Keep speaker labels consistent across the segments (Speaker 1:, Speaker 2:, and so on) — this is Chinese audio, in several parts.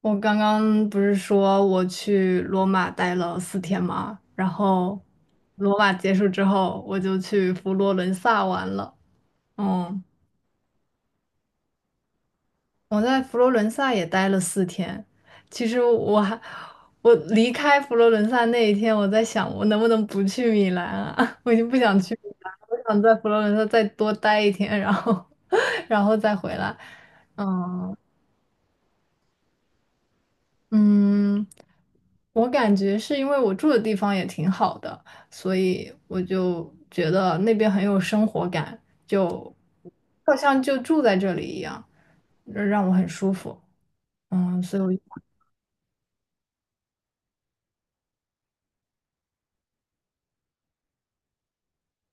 Speaker 1: 我刚刚不是说我去罗马待了四天吗？然后罗马结束之后，我就去佛罗伦萨玩了。嗯，我在佛罗伦萨也待了四天。其实我离开佛罗伦萨那一天，我在想我能不能不去米兰啊？我已经不想去米兰了，我想在佛罗伦萨再多待一天，然后 然后再回来。嗯，嗯，我感觉是因为我住的地方也挺好的，所以我就觉得那边很有生活感，就好像就住在这里一样，让我很舒服。所以我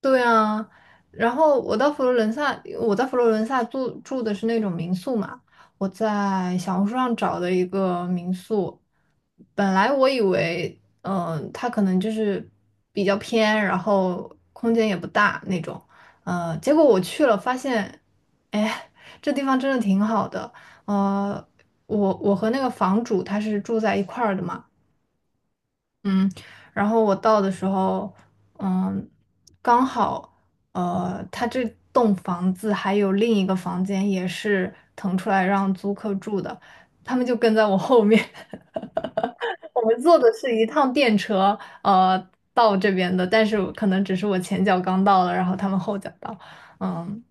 Speaker 1: 对啊，然后我到佛罗伦萨，我在佛罗伦萨住的是那种民宿嘛，我在小红书上找的一个民宿，本来我以为，它可能就是比较偏，然后空间也不大那种，结果我去了发现，哎，这地方真的挺好的，呃，我和那个房主他是住在一块儿的嘛。嗯，然后我到的时候，嗯，刚好，他这栋房子还有另一个房间也是腾出来让租客住的，他们就跟在我后面。我们坐的是一趟电车，呃，到这边的，但是可能只是我前脚刚到了，然后他们后脚到。嗯，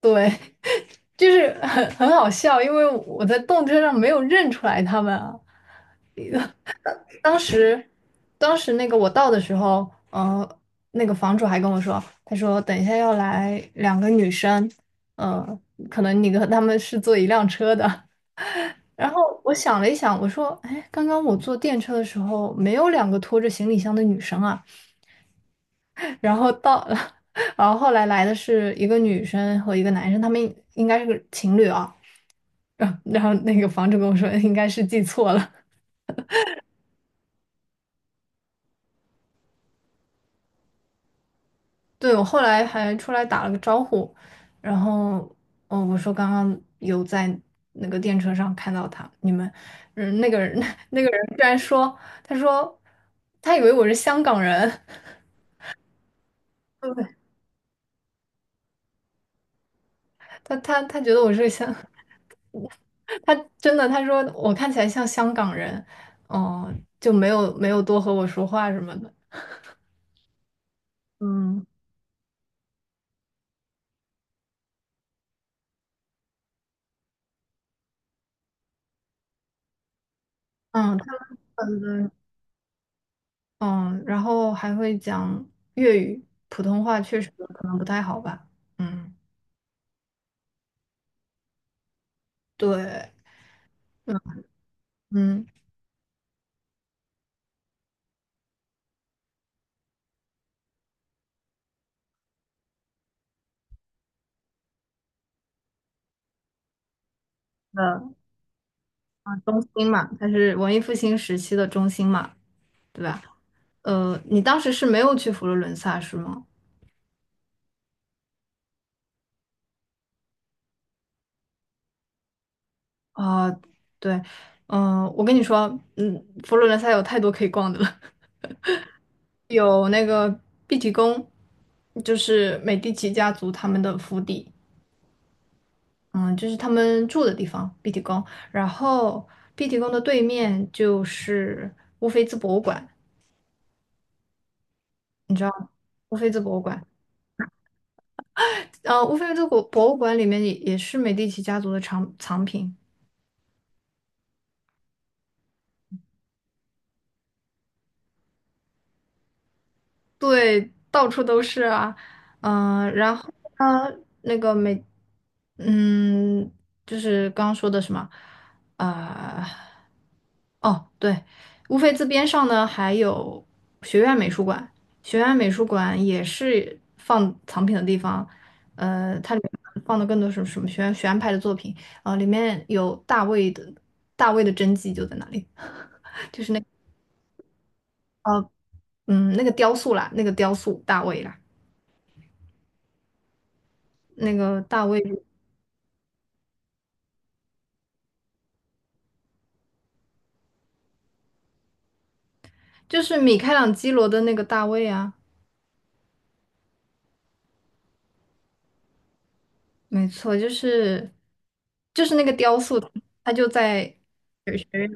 Speaker 1: 对，就是很好笑，因为我在动车上没有认出来他们啊。当时，当时，我到的时候，那个房主还跟我说，他说等一下要来两个女生，呃，可能你跟他们是坐一辆车的。然后我想了一想，我说，哎，刚刚我坐电车的时候没有两个拖着行李箱的女生啊。然后到了，然后后来来的是一个女生和一个男生，他们应该是个情侣啊。然后那个房主跟我说，应该是记错了。对，我后来还出来打了个招呼，然后，哦，我说刚刚有在那个电车上看到他，你们，那个人 那个人居然说，他说他以为我是香港人，对他觉得我是香，他真的他说我看起来像香港人，哦、就没有多和我说话什么的，嗯嗯，他们的嗯，然后还会讲粤语，普通话确实可能不太好吧，嗯。对，嗯嗯，的中心嘛，它是文艺复兴时期的中心嘛，对吧？你当时是没有去佛罗伦萨是吗？啊、对，我跟你说，佛罗伦萨有太多可以逛的了，有那个碧提宫，就是美第奇家族他们的府邸，嗯，就是他们住的地方，碧提宫。然后碧提宫的对面就是乌菲兹博物馆，你知道吗？乌菲兹博物馆。乌菲兹博物馆里面也是美第奇家族的藏品，对，到处都是啊。然后呢，那个美，嗯，就是刚刚说的什么，呃，哦，对，乌菲兹边上呢还有学院美术馆，学院美术馆也是放藏品的地方，它里面放的更多是什么学院派的作品，啊，里面有大卫的真迹就在那里。嗯，那个雕塑啦，那个雕塑大卫啦，那个大卫就是米开朗基罗的那个大卫啊，没错，就是那个雕塑，他就在水学院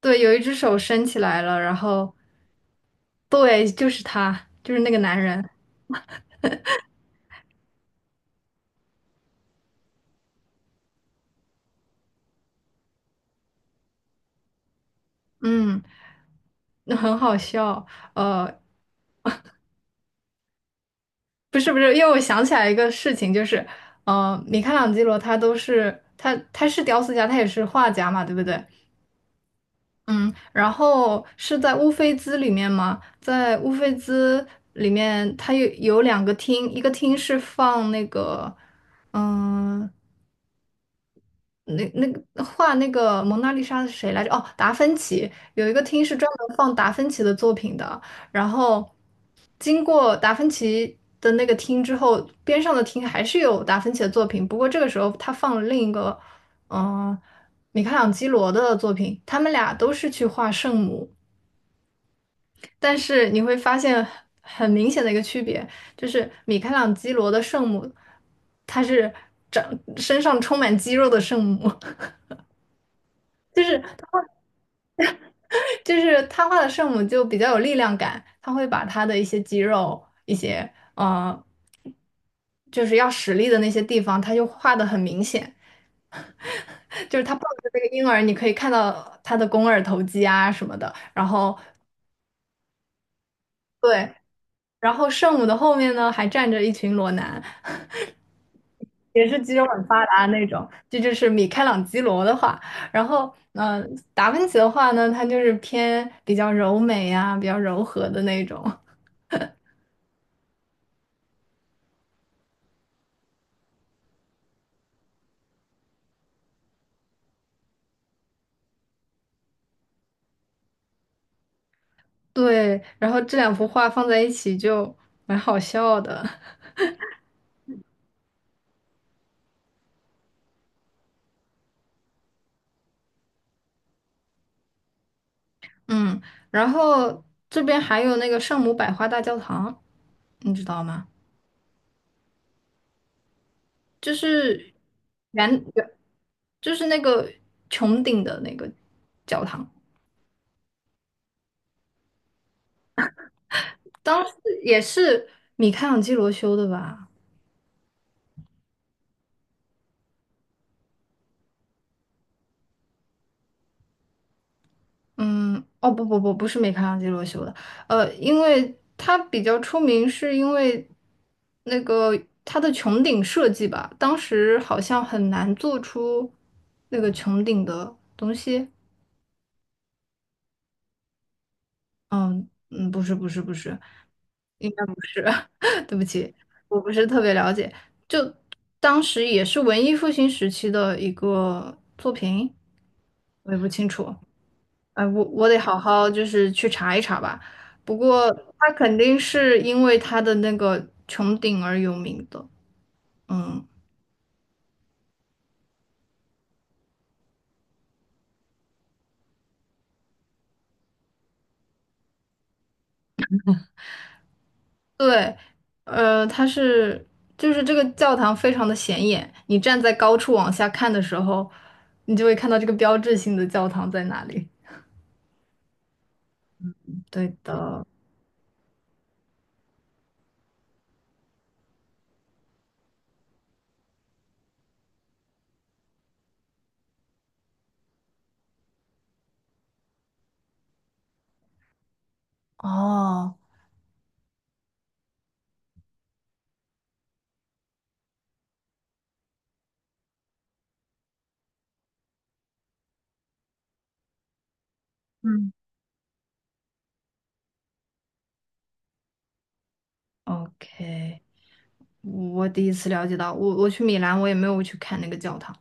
Speaker 1: 对，有一只手伸起来了，然后对，就是他，就是那个男人，嗯，那很好笑，呃，不是不是，因为我想起来一个事情，就是米开朗基罗他是雕塑家，他也是画家嘛，对不对？嗯，然后是在乌菲兹里面吗？在乌菲兹里面，它有两个厅，一个厅是放那个，嗯、那个画那个蒙娜丽莎的是谁来着？哦，达芬奇。有一个厅是专门放达芬奇的作品的。然后经过达芬奇的那个厅之后，边上的厅还是有达芬奇的作品，不过这个时候他放了另一个，嗯、米开朗基罗的作品，他们俩都是去画圣母。但是你会发现很明显的一个区别，就是米开朗基罗的圣母，她是长身上充满肌肉的圣母，就是他画的圣母就比较有力量感，他会把他的一些肌肉、一些就是要使力的那些地方，他就画的很明显，就是他抱着那个婴儿，你可以看到他的肱二头肌啊什么的，然后对，然后圣母的后面呢还站着一群裸男。也是肌肉很发达那种，这就是米开朗基罗的画。然后，达芬奇的画呢，它就是偏比较柔美呀、比较柔和的那种。对，然后这两幅画放在一起就蛮好笑的。嗯，然后这边还有那个圣母百花大教堂，你知道吗？就是圆圆，就是那个穹顶的那个教堂，当时也是米开朗基罗修的吧？嗯，哦不不不，不是米开朗基罗修的，因为他比较出名，是因为那个他的穹顶设计吧，当时好像很难做出那个穹顶的东西。嗯，不是不是不是，应该不是，对不起，我不是特别了解。就当时也是文艺复兴时期的一个作品，我也不清楚。哎，我得好好就是去查一查吧。不过它肯定是因为它的那个穹顶而有名的。嗯，对，呃，它是就是这个教堂非常的显眼，你站在高处往下看的时候，你就会看到这个标志性的教堂在哪里。对的，哦，嗯，OK，我第一次了解到，我去米兰，我也没有去看那个教堂。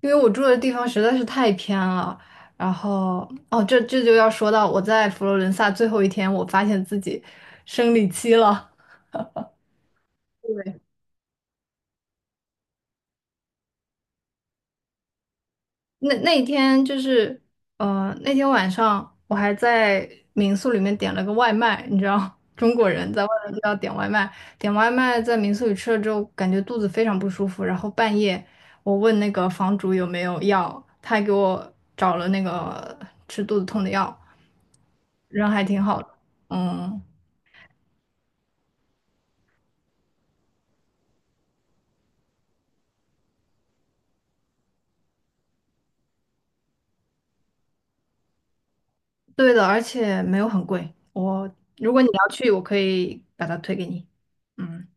Speaker 1: 因为我住的地方实在是太偏了，然后这就要说到我在佛罗伦萨最后一天，我发现自己生理期了。对，那一天就是，那天晚上我还在民宿里面点了个外卖，你知道，中国人在外面都要点外卖，点外卖在民宿里吃了之后，感觉肚子非常不舒服，然后半夜我问那个房主有没有药，他还给我找了那个吃肚子痛的药，人还挺好的，嗯。对的，而且没有很贵。我如果你要去，我可以把它推给你。嗯，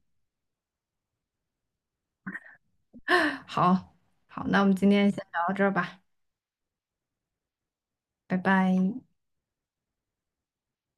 Speaker 1: 好，好，那我们今天先聊到这儿吧，拜拜。